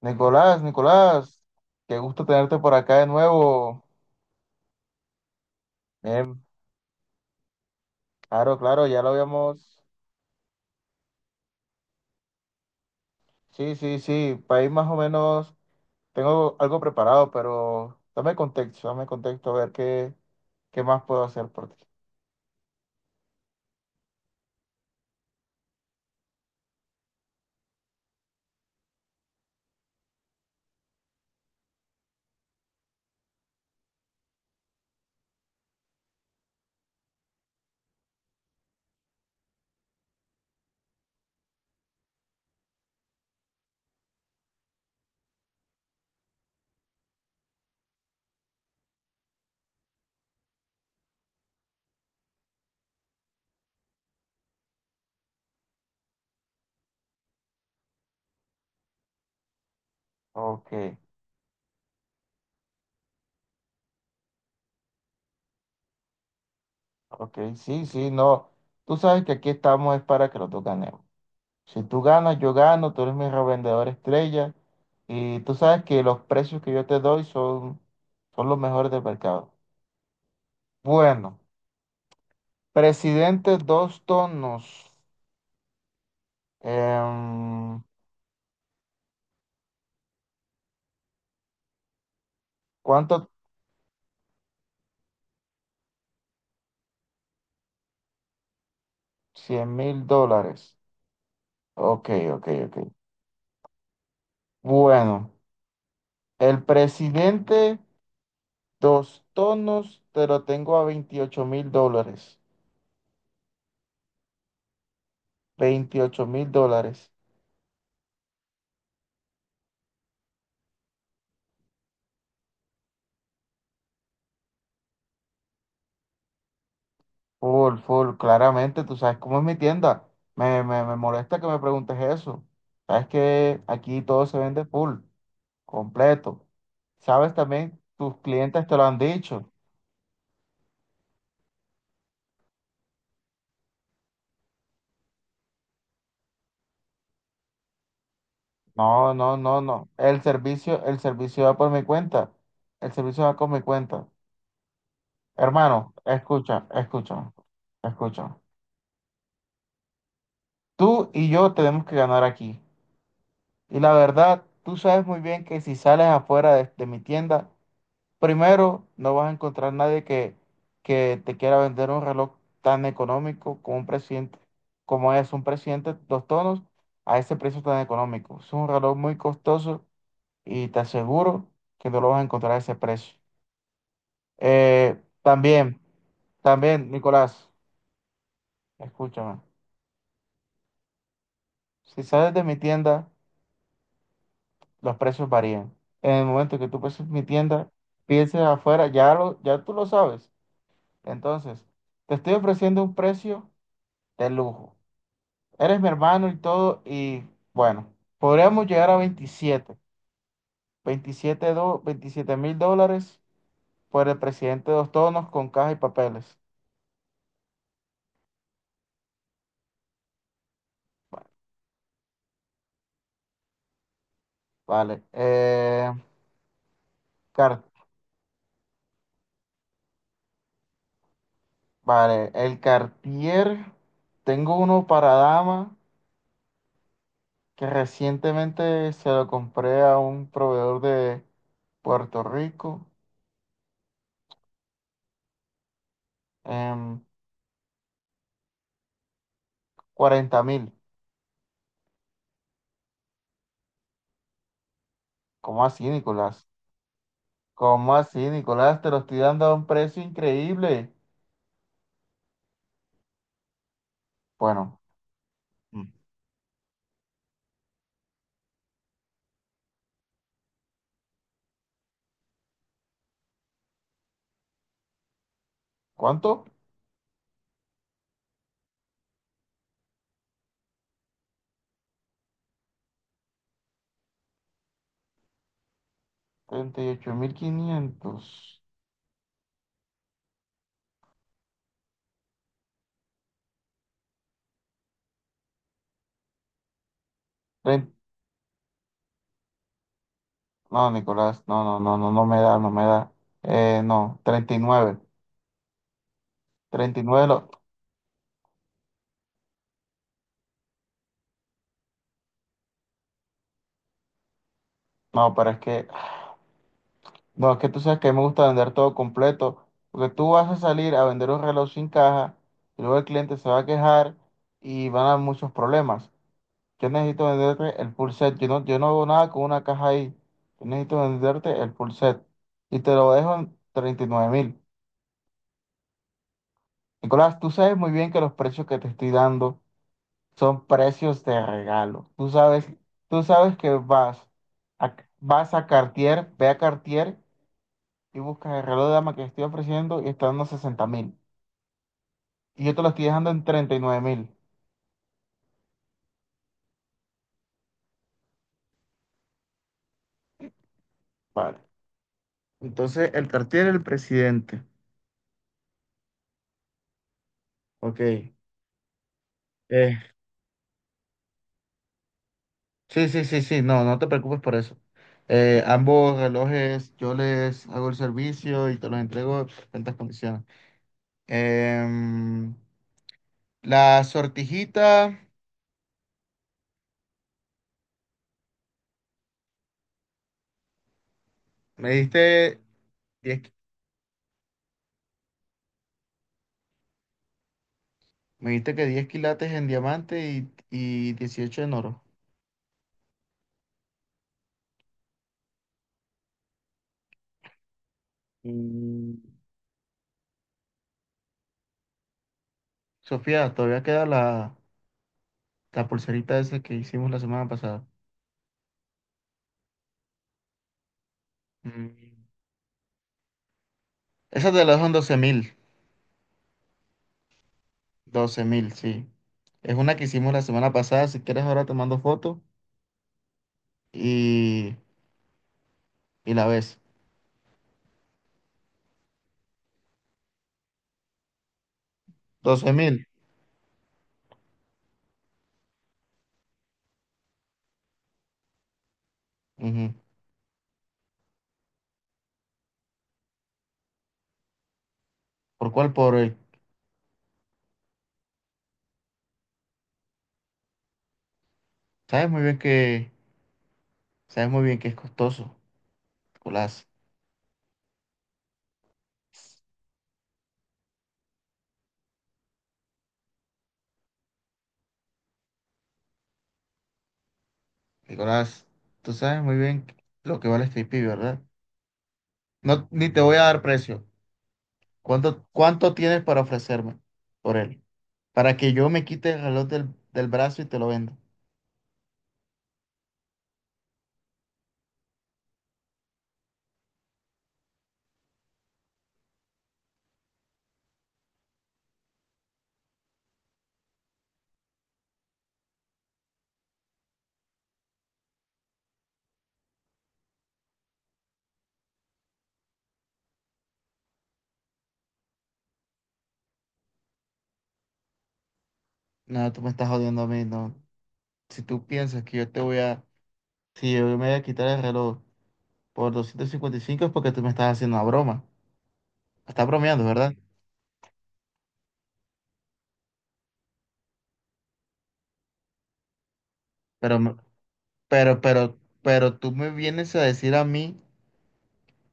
Nicolás, Nicolás, qué gusto tenerte por acá de nuevo. Bien, claro, claro, ya lo habíamos. Sí, sí, sí, país más o menos. Tengo algo preparado, pero dame contexto, a ver qué más puedo hacer por ti. Ok, ok, sí, sí, no. Tú sabes que aquí estamos es para que los dos ganemos. Si tú ganas, yo gano, tú eres mi revendedor estrella y tú sabes que los precios que yo te doy son los mejores del mercado. Bueno. Presidente, dos tonos. Em, ¿Cuánto? $100.000. Ok, ok, ok. Bueno, el presidente, dos tonos, te lo tengo a $28.000. $28.000. Full, full, claramente, tú sabes cómo es mi tienda. Me molesta que me preguntes eso. Sabes que aquí todo se vende full, completo. Sabes también, tus clientes te lo han dicho. No, no, no, no. El servicio va por mi cuenta. El servicio va con mi cuenta. Hermano, escucha, escucha, escucha. Tú y yo tenemos que ganar aquí. Y la verdad, tú sabes muy bien que si sales afuera de mi tienda, primero no vas a encontrar nadie que te quiera vender un reloj tan económico como un presidente, como es un presidente dos tonos a ese precio tan económico. Es un reloj muy costoso y te aseguro que no lo vas a encontrar a ese precio. También, Nicolás, escúchame. Si sales de mi tienda, los precios varían. En el momento que tú pases mi tienda, pienses afuera, ya tú lo sabes. Entonces, te estoy ofreciendo un precio de lujo. Eres mi hermano y todo, y bueno, podríamos llegar a veintisiete mil dólares por el presidente de dos tonos con caja y papeles. Bueno. Vale. Vale, el Cartier, tengo uno para dama que recientemente se lo compré a un proveedor de Puerto Rico en 40.000. ¿Cómo así, Nicolás? ¿Cómo así, Nicolás? Te lo estoy dando a un precio increíble. Bueno. mm, ¿Cuánto? 38.500. Trein- No, Nicolás, no, no, no, no, no me da, no me da. No, 39. 39, no, pero es que bueno, es que tú sabes que a mí me gusta vender todo completo, porque tú vas a salir a vender un reloj sin caja y luego el cliente se va a quejar y van a haber muchos problemas. Yo necesito venderte el full set, yo no hago nada con una caja ahí, yo necesito venderte el full set y te lo dejo en 39.000. Nicolás, tú sabes muy bien que los precios que te estoy dando son precios de regalo. Tú sabes que vas a Cartier, ve a Cartier y buscas el reloj de dama que estoy ofreciendo y está dando 60.000. Y yo te lo estoy dejando en 39.000. Vale. Entonces, el cartel el presidente. Ok. Sí, sí, sí, sí. No, no te preocupes por eso. Ambos relojes yo les hago el servicio y te los entrego en perfectas condiciones. Em, la sortijita, me diste 10 qui- me diste que 10 quilates en diamante y 18 en oro. Mm, Sofía, todavía queda la pulserita esa que hicimos la semana pasada. Mm. Esa te la dejo en 12 mil. 12.000, sí. Es una que hicimos la semana pasada. Si quieres, ahora te mando foto y, y la ves. 12.000. Ujú. ¿Por cuál? Por el. Sabes muy bien que, sabes muy bien que es costoso, Nicolás. Nicolás, tú sabes muy bien lo que vale este IP, ¿verdad? No, ni te voy a dar precio. ¿Cuánto tienes para ofrecerme por él? Para que yo me quite el reloj del brazo y te lo venda. No, tú me estás jodiendo a mí, no. Si tú piensas que yo te voy a... Si yo me voy a quitar el reloj por 255 es porque tú me estás haciendo una broma. Estás bromeando, ¿verdad? Pero, me- pero tú me vienes a decir a mí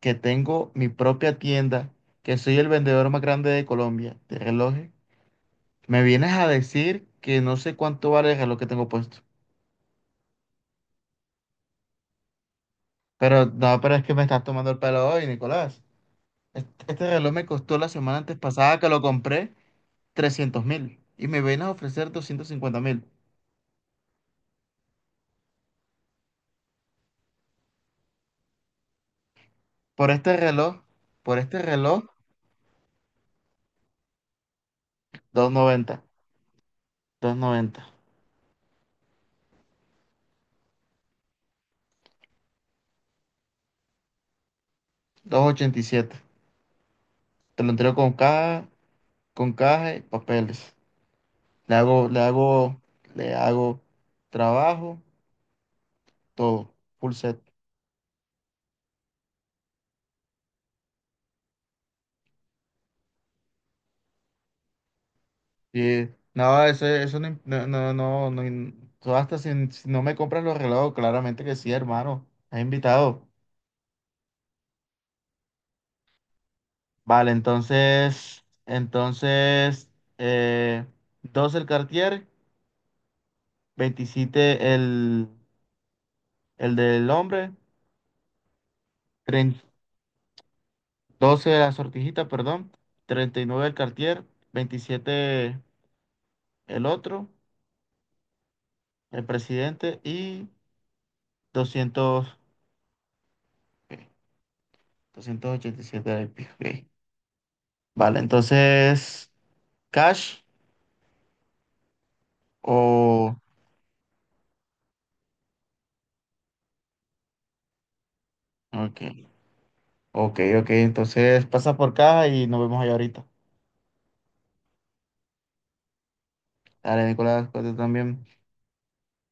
que tengo mi propia tienda, que soy el vendedor más grande de Colombia de relojes. Me vienes a decir que no sé cuánto vale el reloj que tengo puesto. Pero no, pero es que me estás tomando el pelo hoy, Nicolás. Este reloj me costó la semana antes pasada que lo compré. 300.000 y me vienen a ofrecer 250.000. Por este reloj, por este reloj, 290, 290, 287. Te lo entrego con caja y papeles. Le hago, le hago, le hago trabajo, todo, full set. Y no, eso no, no, no, no, no tú hasta si no me compras los relojes, claramente que sí, hermano. Has invitado. Vale, entonces, entonces, eh, 12 el Cartier, 27 el del hombre, 30 12 la sortijita, perdón, 39 el Cartier, 27 el otro, el presidente y 200 ok, 287 el IP, ok. Vale, entonces, cash o... Ok, ok, ok, entonces pasa por caja y nos vemos ahí ahorita. Dale, Nicolás, cuídate también.